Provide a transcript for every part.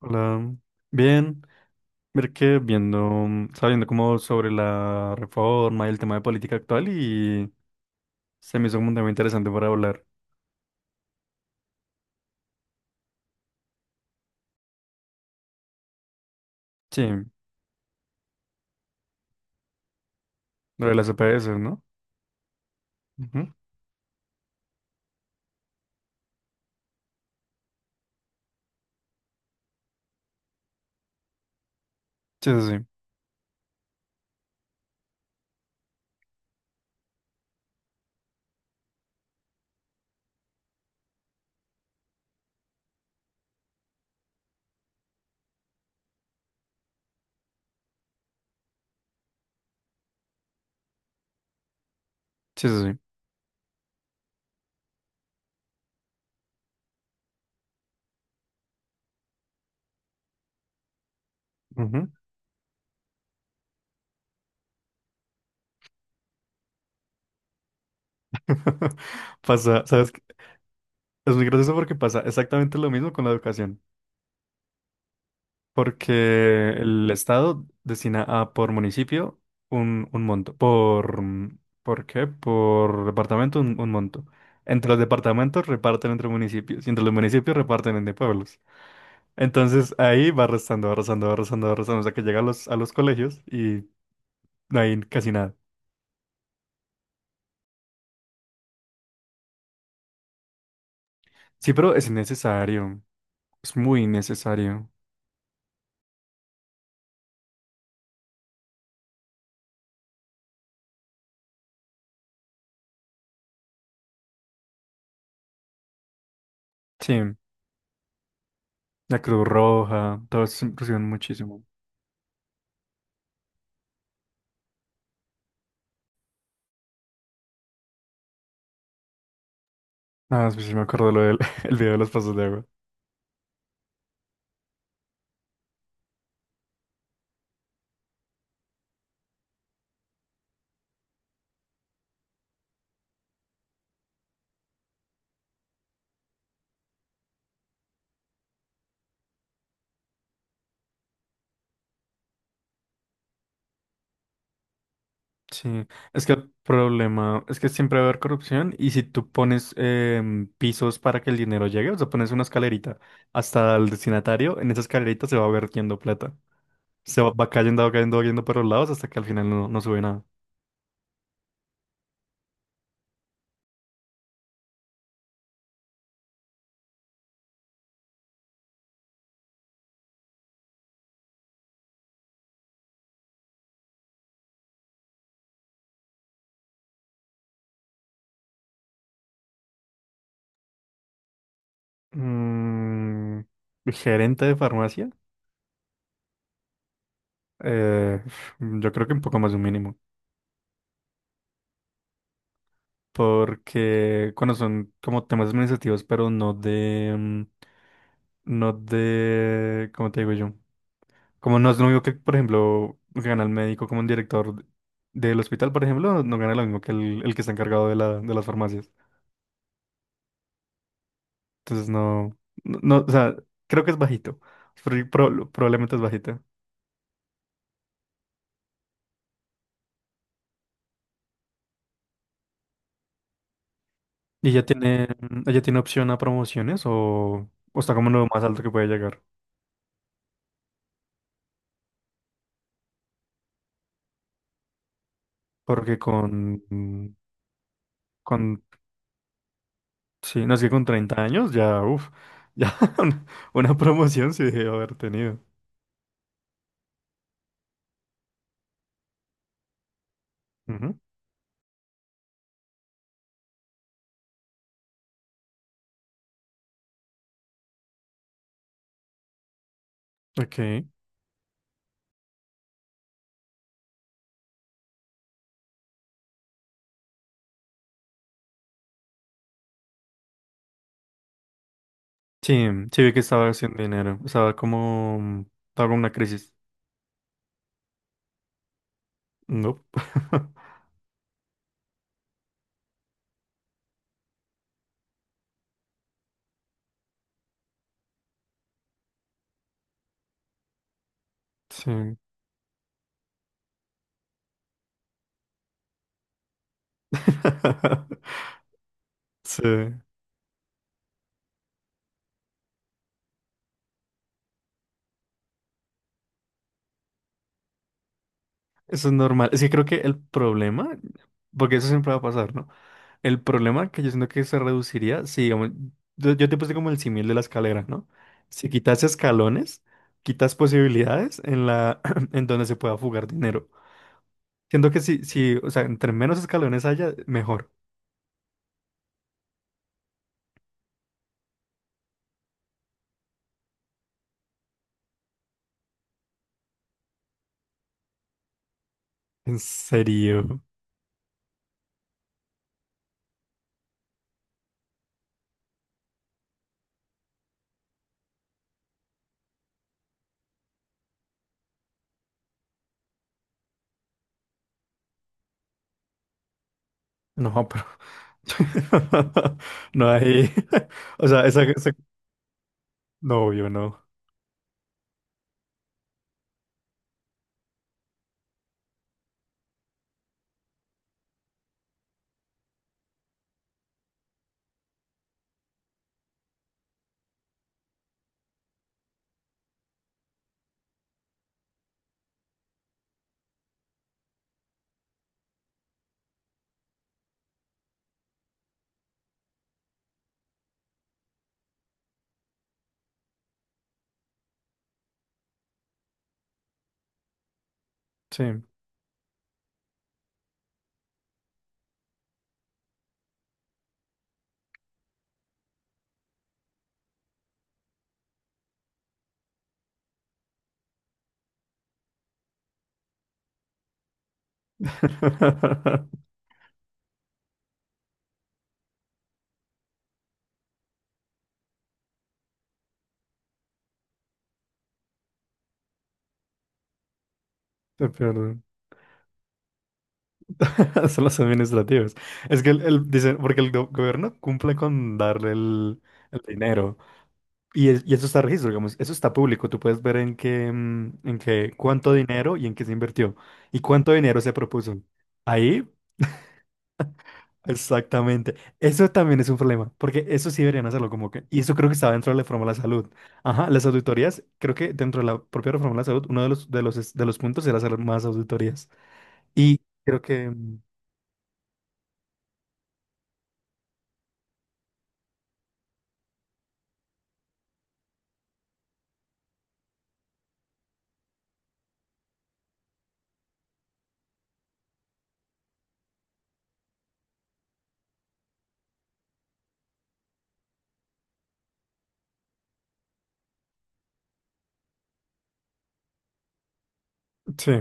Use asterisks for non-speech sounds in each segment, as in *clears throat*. Hola, bien. Ver que viendo, sabiendo como sobre la reforma y el tema de política actual y se me hizo como un tema interesante para hablar. Sí, lo de las EPS, ¿no? Ujú. Sí, sí, sí, sí, sí, sí. Ujú. *laughs* Pasa, ¿sabes qué? Es muy gracioso porque pasa exactamente lo mismo con la educación. Porque el Estado destina a por municipio un monto. Por, ¿por qué? Por departamento un monto. Entre los departamentos reparten entre municipios y entre los municipios reparten entre pueblos. Entonces ahí va restando, va restando, va restando, va restando hasta que llega a los colegios y no hay casi nada. Sí, pero es necesario. Es muy necesario. Sí, la Cruz Roja, todo eso se inclusión muchísimo. Ah, sí, sí me acuerdo lo del *laughs* el video de los pasos de agua. Sí, es que el problema es que siempre va a haber corrupción y si tú pones pisos para que el dinero llegue, o sea, pones una escalerita hasta el destinatario, en esa escalerita se va vertiendo plata. Se va, va cayendo, va cayendo, va cayendo por los lados hasta que al final no, no sube nada. Mm, ¿gerente de farmacia? Eh, yo creo que un poco más de un mínimo. Porque cuando son como temas administrativos, pero no de, no de, ¿cómo te digo yo? Como no es lo mismo que, por ejemplo, gana el médico como un director del hospital, por ejemplo, no, no gana lo mismo que el que está encargado de la, de las farmacias. Entonces no, no, no, o sea, creo que es bajito. Probablemente es bajita. ¿Y ella tiene, ella tiene opción a promociones o está como en lo más alto que puede llegar? Porque con, con... Sí, no es que con 30 años ya, uff, ya *laughs* una promoción sí debió haber tenido. Ujú, ok. Sí, sí vi que estaba haciendo dinero. Estaba como... Estaba con una crisis. No. *laughs* Sí. *laughs* Sí. Eso es normal. Es que creo que el problema, porque eso siempre va a pasar, ¿no? El problema que yo siento que se reduciría, si digamos, yo te puse como el símil de la escalera, ¿no? Si quitas escalones, quitas posibilidades en la, *clears throat* en donde se pueda fugar dinero. Siento que si, si, o sea, entre menos escalones haya, mejor. ¿En serio? No, pero... *laughs* No hay. *laughs* O sea, esa... No, yo no. Sí. *laughs* Te pierdo. *laughs* Son los administrativos. Es que el- dicen, porque el go- gobierno cumple con darle el dinero. Y, es- y eso está registro, digamos, eso está público. Tú puedes ver en qué, en qué, cuánto dinero y en qué se invirtió. Y cuánto dinero se propuso. Ahí, exactamente. Eso también es un problema, porque eso sí deberían hacerlo como que... Y eso creo que estaba dentro de la reforma a la salud. Ajá, las auditorías, creo que dentro de la propia reforma a la salud, uno de los puntos era hacer más auditorías. Y creo que... Sí,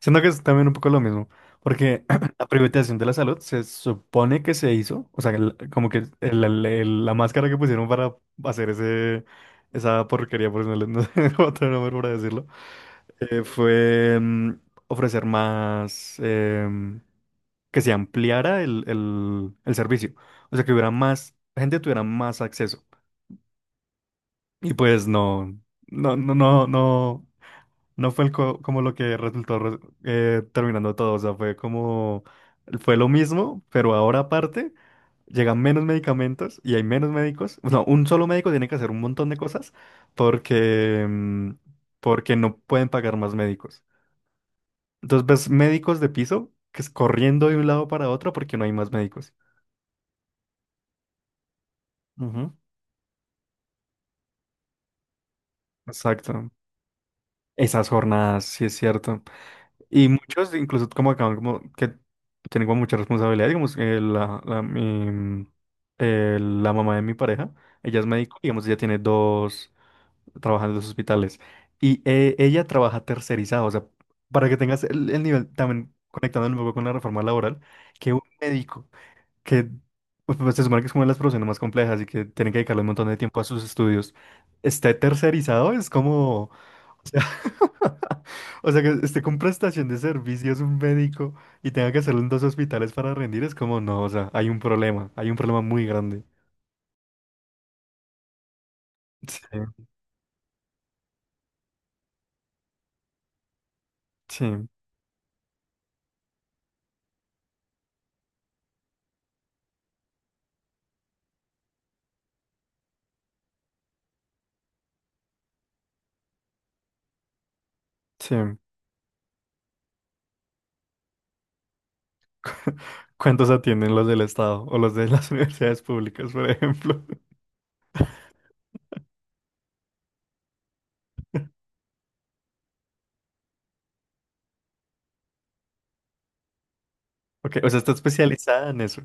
siento que es también un poco lo mismo, porque *clears throat* la privatización de la salud se supone que se hizo, o sea, el- como que el- la máscara que pusieron para hacer ese, esa porquería, por si no, le- no sé *laughs* otro nombre para decirlo, fue ofrecer más, que se ampliara el servicio, o sea, que hubiera más, la gente tuviera más acceso, y pues no, no, no, no, no. No fue el co- como lo que resultó re- terminando todo, o sea, fue como, fue lo mismo, pero ahora aparte llegan menos medicamentos y hay menos médicos. No, un solo médico tiene que hacer un montón de cosas porque, porque no pueden pagar más médicos. Entonces ves médicos de piso que es corriendo de un lado para otro porque no hay más médicos. Ujú. Exacto. Esas jornadas, sí es cierto. Y muchos, incluso como acaban como que tienen como mucha responsabilidad, digamos, la, la, mi- la mamá de mi pareja, ella es médico, digamos, ella tiene dos, trabaja en dos hospitales y ella trabaja tercerizado, o sea, para que tengas el nivel, también conectando un poco con la reforma laboral, que un médico que pues, pues, se supone que es una de las profesiones más complejas y que tiene que dedicarle un montón de tiempo a sus estudios, esté tercerizado, es como... *laughs* O sea, que esté con prestación de servicios un médico y tenga que hacerlo en dos hospitales para rendir, es como, no, o sea, hay un problema muy grande. Sí, sí, sí. ¿Cuántos atienden los del Estado o los de las *laughs* universidades públicas, por ejemplo? *laughs* Ok, o sea, está especializada en eso.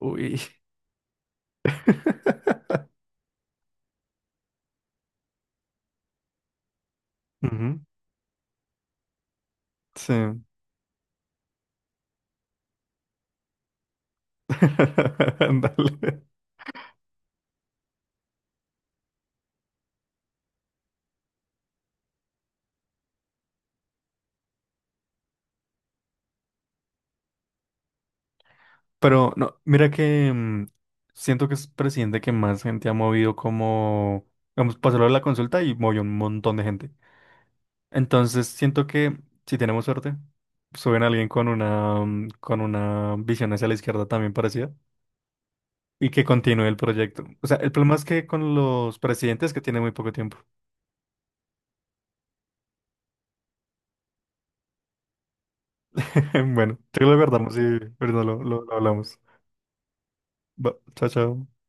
Uy. *laughs* Ujú, sí. *laughs* Ándale. Pero no, mira que siento que es presidente que más gente ha movido como, vamos, pasó lo de la consulta y movió un montón de gente. Entonces, siento que si tenemos suerte, suben a alguien con una, con una visión hacia la izquierda también parecida y que continúe el proyecto. O sea, el problema es que con los presidentes que tienen muy poco tiempo. *laughs* Bueno, creo que lo guardamos y ahorita lo hablamos. Va, chao, chao.